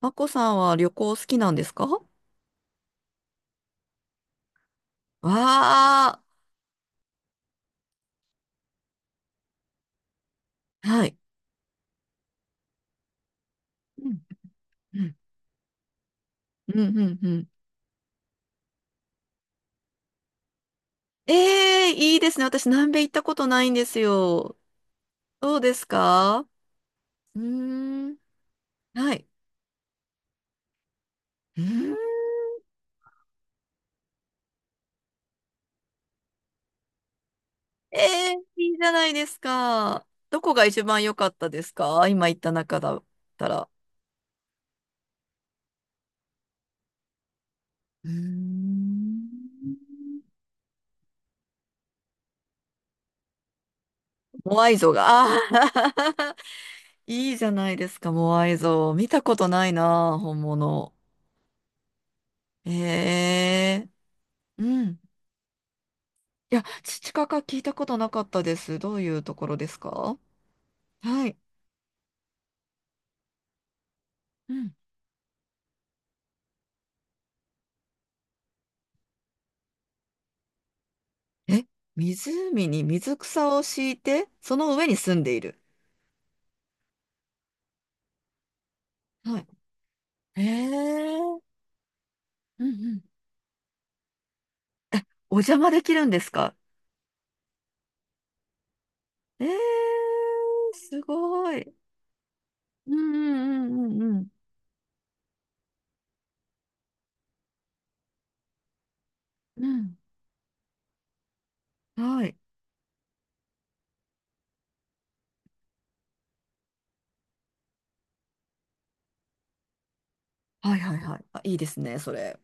マコさんは旅行好きなんですか？わあ、はい。うん、うん、うん、うん。うん、ええ、いいですね。私、南米行ったことないんですよ。どうですか？うーん、はい。うーん、ええ、いいじゃないですか。どこが一番良かったですか？今行った中だったら。うーん、モアイ像が、あー。 いいじゃないですか、モアイ像。見たことないな、本物。ええ、うん。いや、土かか聞いたことなかったです。どういうところですか？はい。うん。え、湖に水草を敷いて、その上に住んでいる。はい。ええ。うん、うん。お邪魔できるんですか？ええ、すごい。うんうんうんうん。うん。うん。はい。はいはいはい。あ、いいですね、それ。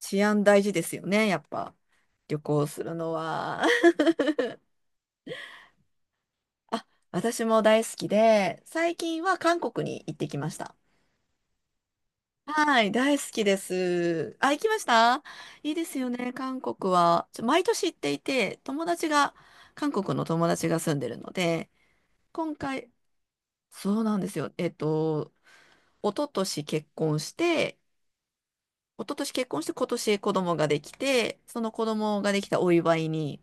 治安大事ですよね、やっぱ。旅行するのは。あ、私も大好きで、最近は韓国に行ってきました。はい、大好きです。あ、行きました？いいですよね、韓国は。ちょ毎年行っていて、友達が、韓国の友達が住んでるので、今回、そうなんですよ。一昨年結婚して、一昨年結婚して今年子供ができて、その子供ができたお祝いに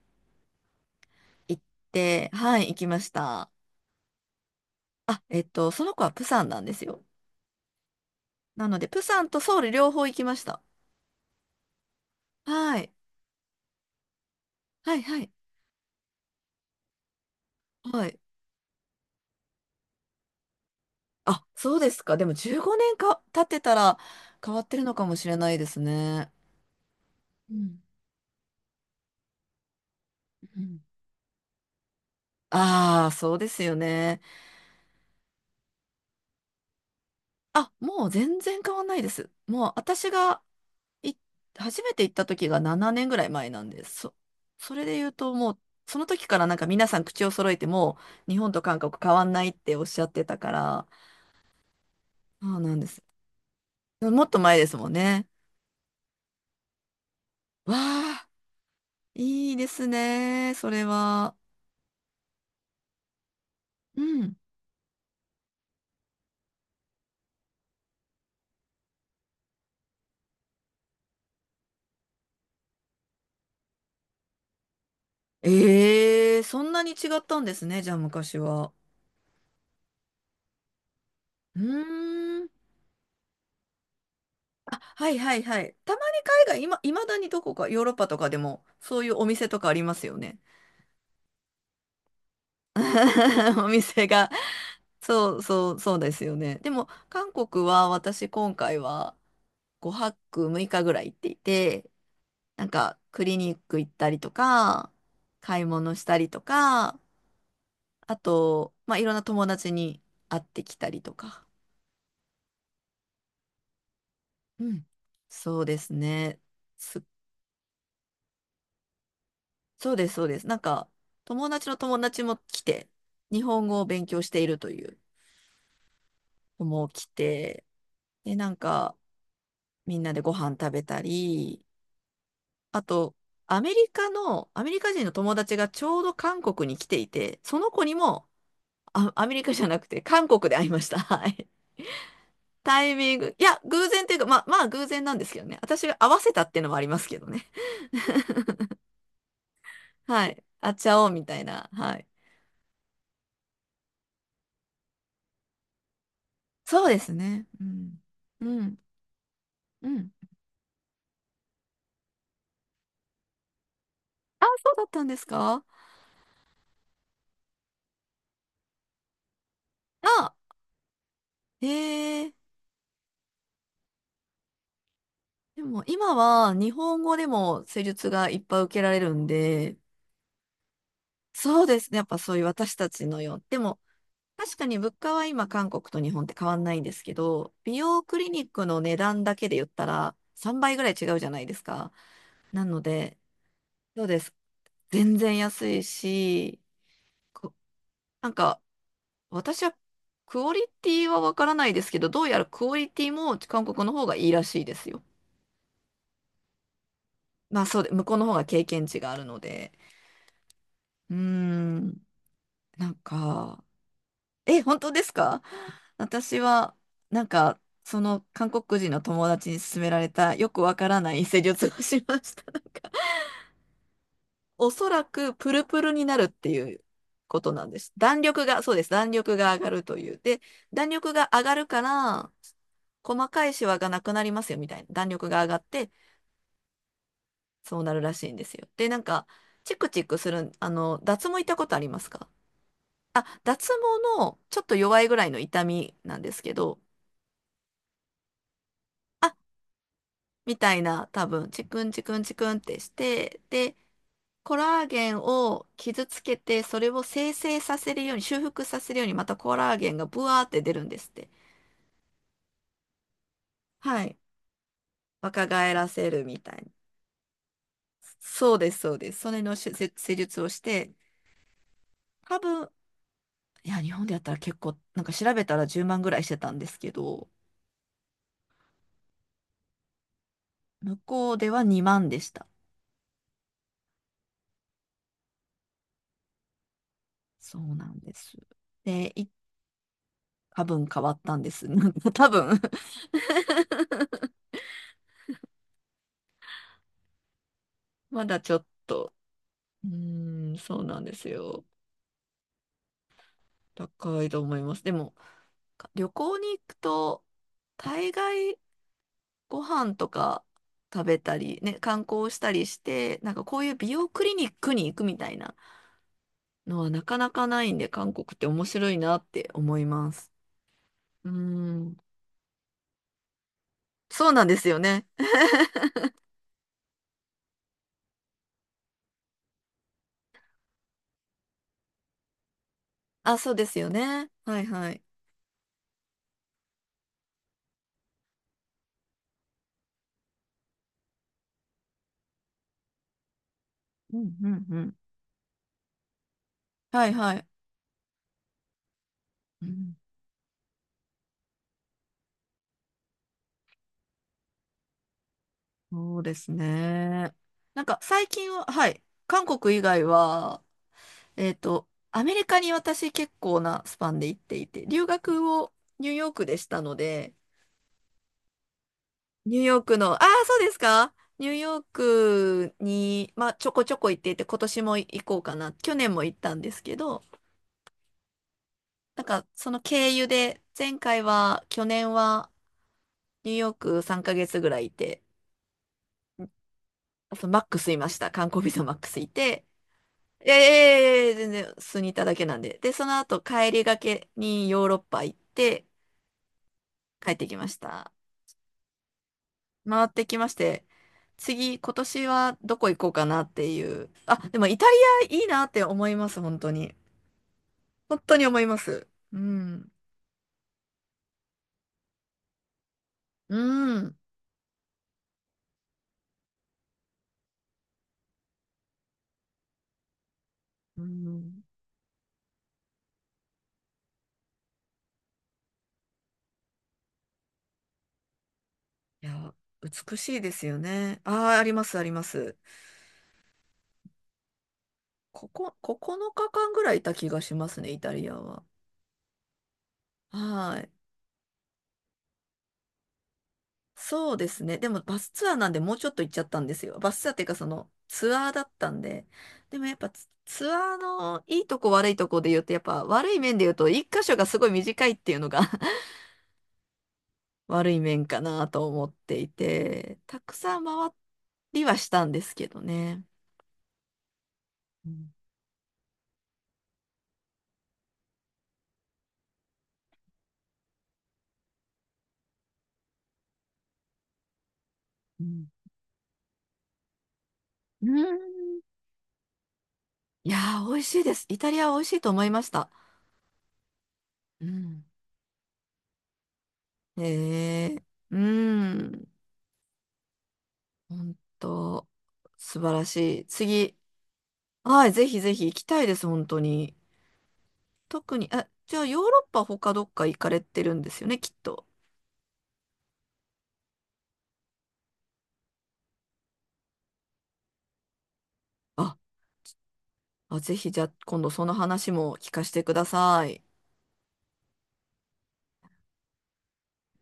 行って、はい、行きました。あ、その子はプサンなんですよ。なので、プサンとソウル両方行きました。はい、はい、はい。はい。あ、そうですか。でも15年か経ってたら変わってるのかもしれないですね。うん、うん、ああ、そうですよね。あ、もう全然変わんないです。もう私がい、初めて行った時が7年ぐらい前なんです。それで言うともう、その時から皆さん口を揃えてもう日本と韓国変わんないっておっしゃってたから、そうなんです。もっと前ですもんね。わあ、いいですね。それは。うん。ええ、そんなに違ったんですね、じゃあ昔は。うーん。あ、はいはいはい。たまに海外、今、いまだにどこか、ヨーロッパとかでも、そういうお店とかありますよね。お店が。そうそう、そうですよね。でも、韓国は私今回は5泊6日ぐらい行っていて、クリニック行ったりとか、買い物したりとか、あと、まあ、いろんな友達に会ってきたりとか。うん。そうですね。す、そうです、そうです。友達の友達も来て、日本語を勉強しているという子も来て、で、みんなでご飯食べたり、あと、アメリカ人の友達がちょうど韓国に来ていて、その子にも、あ、アメリカじゃなくて、韓国で会いました。はい。タイミング。いや、偶然っていうか、まあ、偶然なんですけどね。私が合わせたっていうのもありますけどね。はい。あっちゃおうみたいな。はい。そうですね。うん。うん。うん。あ、そうだったんですか？あ、へえ。でも今は日本語でも施術がいっぱい受けられるんで、そうですね。やっぱそういう私たちのよう。でも確かに物価は今韓国と日本って変わんないんですけど、美容クリニックの値段だけで言ったら3倍ぐらい違うじゃないですか。なので、そうです。全然安いし、こなんか私はクオリティはわからないですけど、どうやらクオリティも韓国の方がいいらしいですよ。まあそうで、向こうの方が経験値があるので。うーん、なんか、え、本当ですか？私は、なんか、その韓国人の友達に勧められたよくわからない施術をしました。おそらくプルプルになるっていうことなんです。弾力が、そうです。弾力が上がるという。で、弾力が上がるから、細かいシワがなくなりますよみたいな。弾力が上がって、そうなるらしいんですよ。で、チクチクする、脱毛行ったことありますか？あ、脱毛のちょっと弱いぐらいの痛みなんですけど、みたいな、多分、チクンチクンチクンってして、で、コラーゲンを傷つけて、それを生成させるように、修復させるように、またコラーゲンがブワーって出るんですって。はい。若返らせるみたいな。そうです、そうです。それの手術施術をして、多分、いや、日本でやったら結構、なんか調べたら10万ぐらいしてたんですけど、向こうでは2万でした。そうなんです。で、多分変わったんです。なんか多分。 まだちょっと、うーん、そうなんですよ。高いと思います。でも、か旅行に行くと、大概ご飯とか食べたり、ね、観光したりして、なんかこういう美容クリニックに行くみたいなのはなかなかないんで、韓国って面白いなって思います。うーん。そうなんですよね。あ、そうですよね。はいはい。うんうんうん。はいはい。うん、そうですね。なんか最近は、はい。韓国以外は、アメリカに私結構なスパンで行っていて、留学をニューヨークでしたので、ニューヨークの、ああ、そうですか。ニューヨークに、まあ、ちょこちょこ行っていて、今年も行こうかな。去年も行ったんですけど、その経由で、前回は、去年は、ニューヨーク3ヶ月ぐらいいて、あと、マックスいました。観光ビザマックスいて、ええ全然、数にいただけなんで。で、その後、帰りがけにヨーロッパ行って、帰ってきました。回ってきまして、次、今年はどこ行こうかなっていう。あ、でもイタリアいいなって思います、本当に。本当に思います。うん。うん。うん。いや、美しいですよね。ああ、あります、あります。ここ、9日間ぐらいいた気がしますね、イタリアは。はい。そうですね。でもバスツアーなんでもうちょっと行っちゃったんですよ。バスツアーっていうかそのツアーだったんで。でもやっぱツアーのいいとこ悪いとこで言うとやっぱ悪い面で言うと一箇所がすごい短いっていうのが 悪い面かなと思っていて、たくさん回りはしたんですけどね。うんうんうん。いやー、美味しいです。イタリアは美味しいと思いました。うん。えー、うん。本当、素晴らしい。次、はい、ぜひぜひ行きたいです、本当に。特に、あ、じゃあヨーロッパ他どっか行かれてるんですよね、きっと。あ、あ、ぜひじゃあ今度その話も聞かせてください。